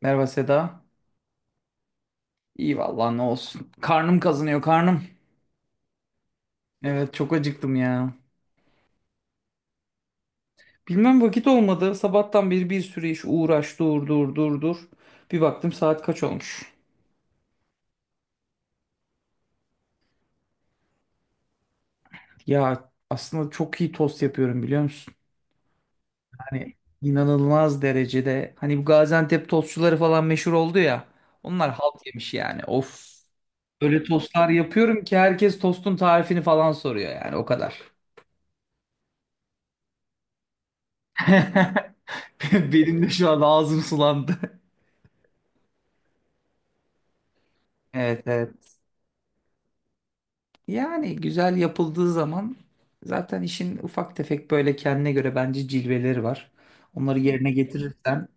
Merhaba Seda. İyi vallahi ne olsun. Karnım kazınıyor karnım. Evet çok acıktım ya. Bilmem vakit olmadı. Sabahtan beri bir sürü iş uğraş dur dur dur dur. Bir baktım saat kaç olmuş. Ya aslında çok iyi tost yapıyorum biliyor musun? Hani inanılmaz derecede. Hani bu Gaziantep tostçuları falan meşhur oldu ya. Onlar halt yemiş yani. Of. Öyle tostlar yapıyorum ki herkes tostun tarifini falan soruyor yani o kadar. Benim de şu an ağzım sulandı. Evet evet. Yani güzel yapıldığı zaman zaten işin ufak tefek böyle kendine göre bence cilveleri var. Onları yerine getirirsen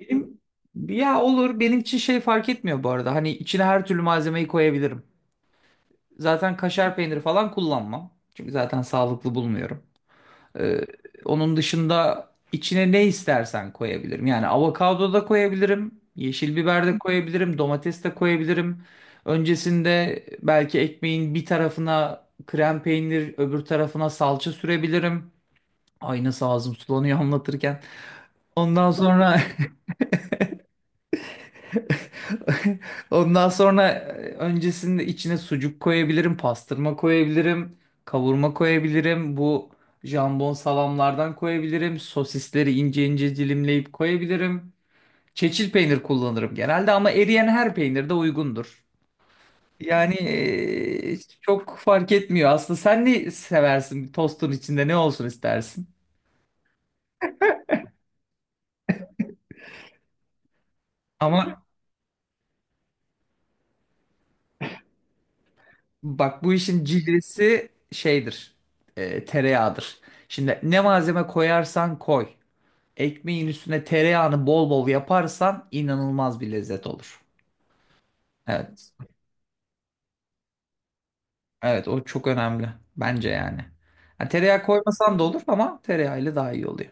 benim ya olur benim için şey fark etmiyor bu arada. Hani içine her türlü malzemeyi koyabilirim. Zaten kaşar peyniri falan kullanmam. Çünkü zaten sağlıklı bulmuyorum. Ee, Onun dışında içine ne istersen koyabilirim. Yani avokado da koyabilirim, yeşil biber de koyabilirim, domates de koyabilirim. Öncesinde belki ekmeğin bir tarafına krem peynir, öbür tarafına salça sürebilirim. Ay nasıl ağzım sulanıyor anlatırken. Ondan sonra Ondan sonra öncesinde içine sucuk koyabilirim, pastırma koyabilirim, kavurma koyabilirim. Bu jambon salamlardan koyabilirim. Sosisleri ince ince dilimleyip koyabilirim. Çeçil peynir kullanırım genelde ama eriyen her peynir de uygundur. Yani çok fark etmiyor aslında. Sen ne seversin? Tostun içinde ne olsun istersin? Ama bak bu işin cilvesi şeydir. Tereyağıdır. Şimdi ne malzeme koyarsan koy. Ekmeğin üstüne tereyağını bol bol yaparsan inanılmaz bir lezzet olur. Evet. Evet o çok önemli. Bence yani. Ha, tereyağı koymasan da olur ama tereyağıyla daha iyi oluyor.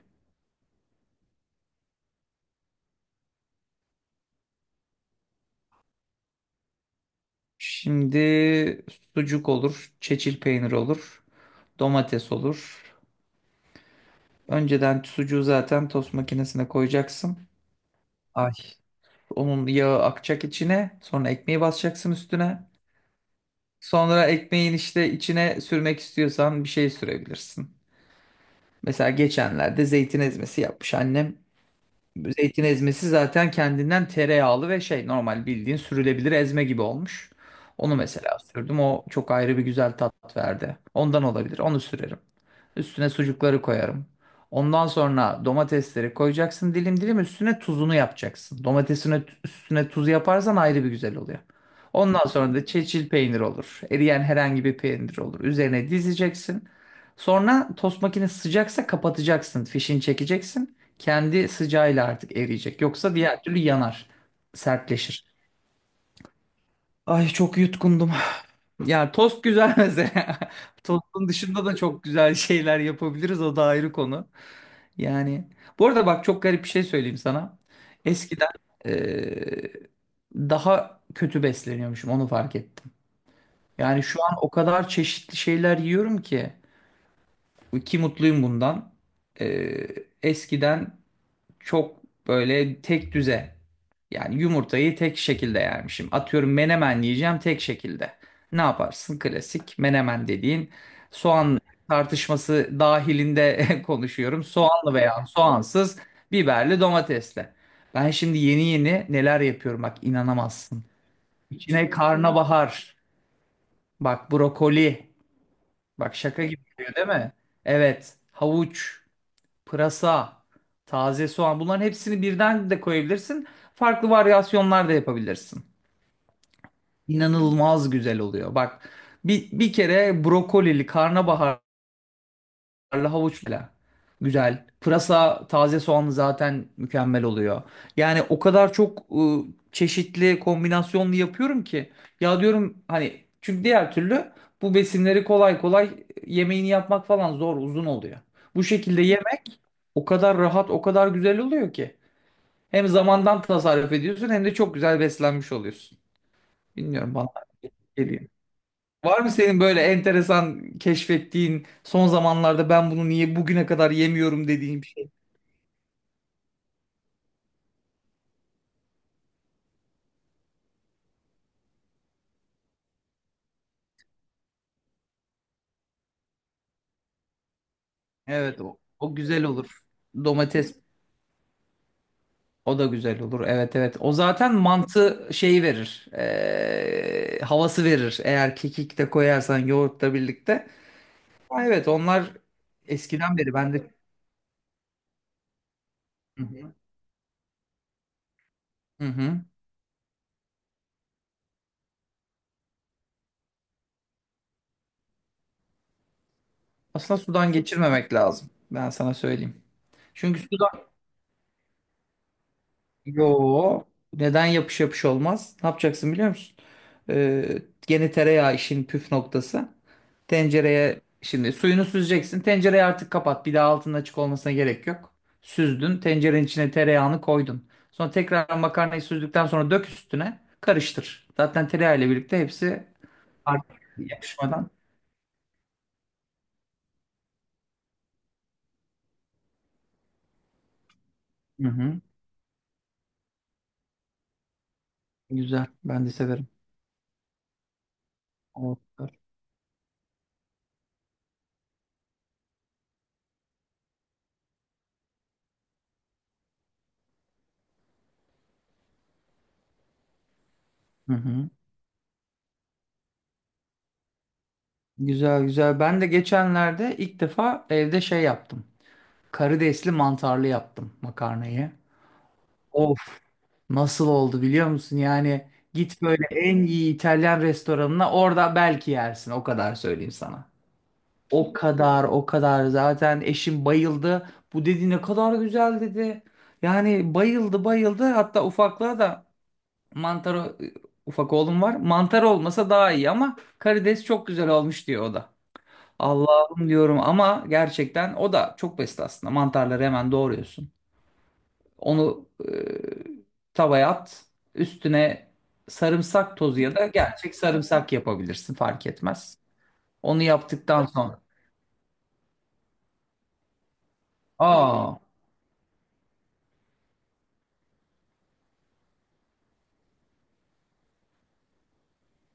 Şimdi sucuk olur, çeçil peynir olur, domates olur. Önceden sucuğu zaten tost makinesine koyacaksın. Ay, onun yağı akacak içine, sonra ekmeği basacaksın üstüne. Sonra ekmeğin işte içine sürmek istiyorsan bir şey sürebilirsin. Mesela geçenlerde zeytin ezmesi yapmış annem. Zeytin ezmesi zaten kendinden tereyağlı ve şey normal bildiğin sürülebilir ezme gibi olmuş. Onu mesela sürdüm. O çok ayrı bir güzel tat verdi. Ondan olabilir. Onu sürerim. Üstüne sucukları koyarım. Ondan sonra domatesleri koyacaksın dilim dilim üstüne tuzunu yapacaksın. Domatesine üstüne tuz yaparsan ayrı bir güzel oluyor. Ondan sonra da çeçil peynir olur. Eriyen herhangi bir peynir olur. Üzerine dizeceksin. Sonra tost makinesi sıcaksa kapatacaksın. Fişini çekeceksin. Kendi sıcağıyla artık eriyecek. Yoksa diğer türlü yanar, sertleşir. Ay çok yutkundum. Yani tost güzel mesela. Tostun dışında da çok güzel şeyler yapabiliriz. O da ayrı konu. Yani bu arada bak çok garip bir şey söyleyeyim sana. Eskiden eee, daha kötü besleniyormuşum onu fark ettim. Yani şu an o kadar çeşitli şeyler yiyorum ki ki mutluyum bundan. Eskiden çok böyle tek düze. Yani yumurtayı tek şekilde yermişim. Atıyorum menemen yiyeceğim tek şekilde. Ne yaparsın? Klasik menemen dediğin soğan tartışması dahilinde konuşuyorum. Soğanlı veya soğansız, biberli, domatesle. Ben şimdi yeni yeni neler yapıyorum bak inanamazsın. İçine karnabahar, bak brokoli, bak şaka gibi geliyor değil mi? Evet, havuç pırasa, taze soğan bunların hepsini birden de koyabilirsin. Farklı varyasyonlar da yapabilirsin. İnanılmaz güzel oluyor. Bak bir kere brokolili karnabahar Karlı havuçla. Güzel. Pırasa, taze soğanlı zaten mükemmel oluyor. Yani o kadar çok çeşitli kombinasyonlu yapıyorum ki. Ya diyorum hani çünkü diğer türlü bu besinleri kolay kolay yemeğini yapmak falan zor, uzun oluyor. Bu şekilde yemek o kadar rahat, o kadar güzel oluyor ki. Hem zamandan tasarruf ediyorsun hem de çok güzel beslenmiş oluyorsun. Bilmiyorum bana geliyor. Var mı senin böyle enteresan keşfettiğin son zamanlarda ben bunu niye bugüne kadar yemiyorum dediğin bir şey? Evet o güzel olur. Domates o da güzel olur. Evet evet. O zaten mantı şeyi verir. Havası verir. Eğer kekik de koyarsan yoğurtla birlikte. Ha, evet onlar eskiden beri ben de... Hı hı. Hı hı. Aslında sudan geçirmemek lazım. Ben sana söyleyeyim. Çünkü su Yo. Neden yapış yapış olmaz? Ne yapacaksın biliyor musun? Ee, Gene tereyağı işin püf noktası. Tencereye şimdi suyunu süzeceksin. Tencereyi artık kapat. Bir daha altının açık olmasına gerek yok. Süzdün. Tencerenin içine tereyağını koydun. Sonra tekrar makarnayı süzdükten sonra dök üstüne. Karıştır. Zaten tereyağı ile birlikte hepsi artık yapışmadan. Hı hı. Güzel. Ben de severim. Olabilir. Hı hı. Güzel güzel. Ben de geçenlerde ilk defa evde şey yaptım. Karidesli mantarlı yaptım makarnayı. Of nasıl oldu biliyor musun? Yani git böyle en iyi İtalyan restoranına orada belki yersin o kadar söyleyeyim sana. O kadar o kadar zaten eşim bayıldı. Bu dedi ne kadar güzel dedi. Yani bayıldı bayıldı hatta ufaklığa da mantar e, ufak oğlum var. Mantar olmasa daha iyi ama karides çok güzel olmuş diyor o da. Allah'ım diyorum ama gerçekten o da çok basit aslında. Mantarları hemen doğruyorsun. Onu tavaya at. Üstüne sarımsak tozu ya da gerçek sarımsak yapabilirsin fark etmez. Onu yaptıktan sonra aa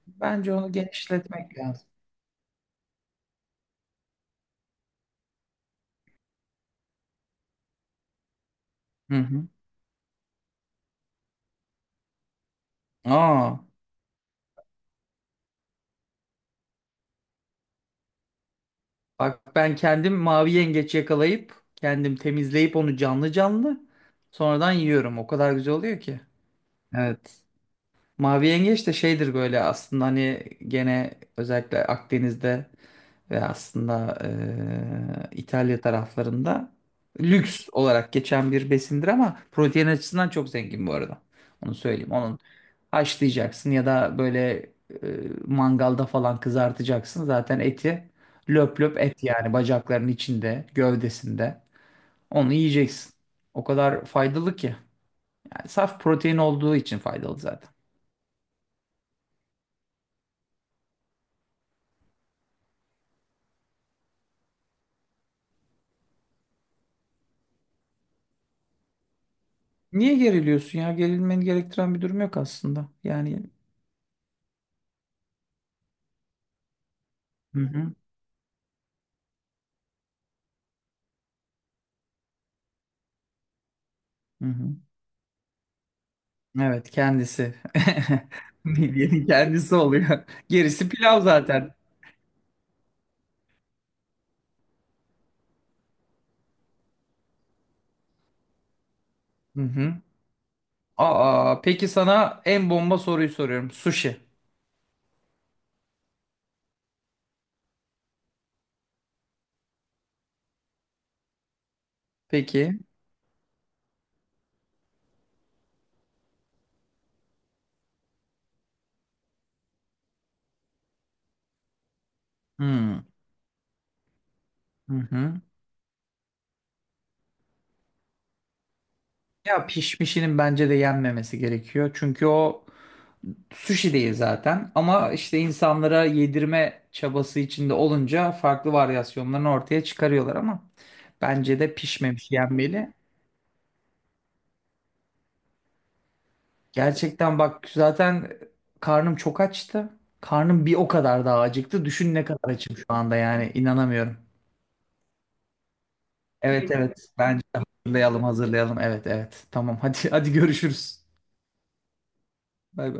bence onu genişletmek lazım. Hı hı. Aa bak ben kendim mavi yengeç yakalayıp kendim temizleyip onu canlı canlı sonradan yiyorum. O kadar güzel oluyor ki. Evet. Mavi yengeç de şeydir böyle aslında hani gene özellikle Akdeniz'de ve aslında İtalya taraflarında lüks olarak geçen bir besindir ama protein açısından çok zengin bu arada. Onu söyleyeyim. Onun haşlayacaksın ya da böyle eee, mangalda falan kızartacaksın. Zaten eti löp löp et yani bacaklarının içinde, gövdesinde. Onu yiyeceksin. O kadar faydalı ki. Yani saf protein olduğu için faydalı zaten. Niye geriliyorsun ya? Gerilmeni gerektiren bir durum yok aslında. Yani Hı hı. Hı hı. Evet kendisi. Midyenin kendisi oluyor. Gerisi pilav zaten. Hı hı. Aa, peki sana en bomba soruyu soruyorum. Sushi. Peki. Hmm. Hı hı. Ya pişmişinin bence de yenmemesi gerekiyor. Çünkü o sushi değil zaten. Ama işte insanlara yedirme çabası içinde olunca farklı varyasyonlarını ortaya çıkarıyorlar ama bence de pişmemiş yenmeli. Gerçekten bak zaten karnım çok açtı. Karnım bir o kadar daha acıktı. Düşün ne kadar açım şu anda yani inanamıyorum. Evet evet bence hazırlayalım hazırlayalım. Evet evet tamam hadi hadi görüşürüz. Bay bay.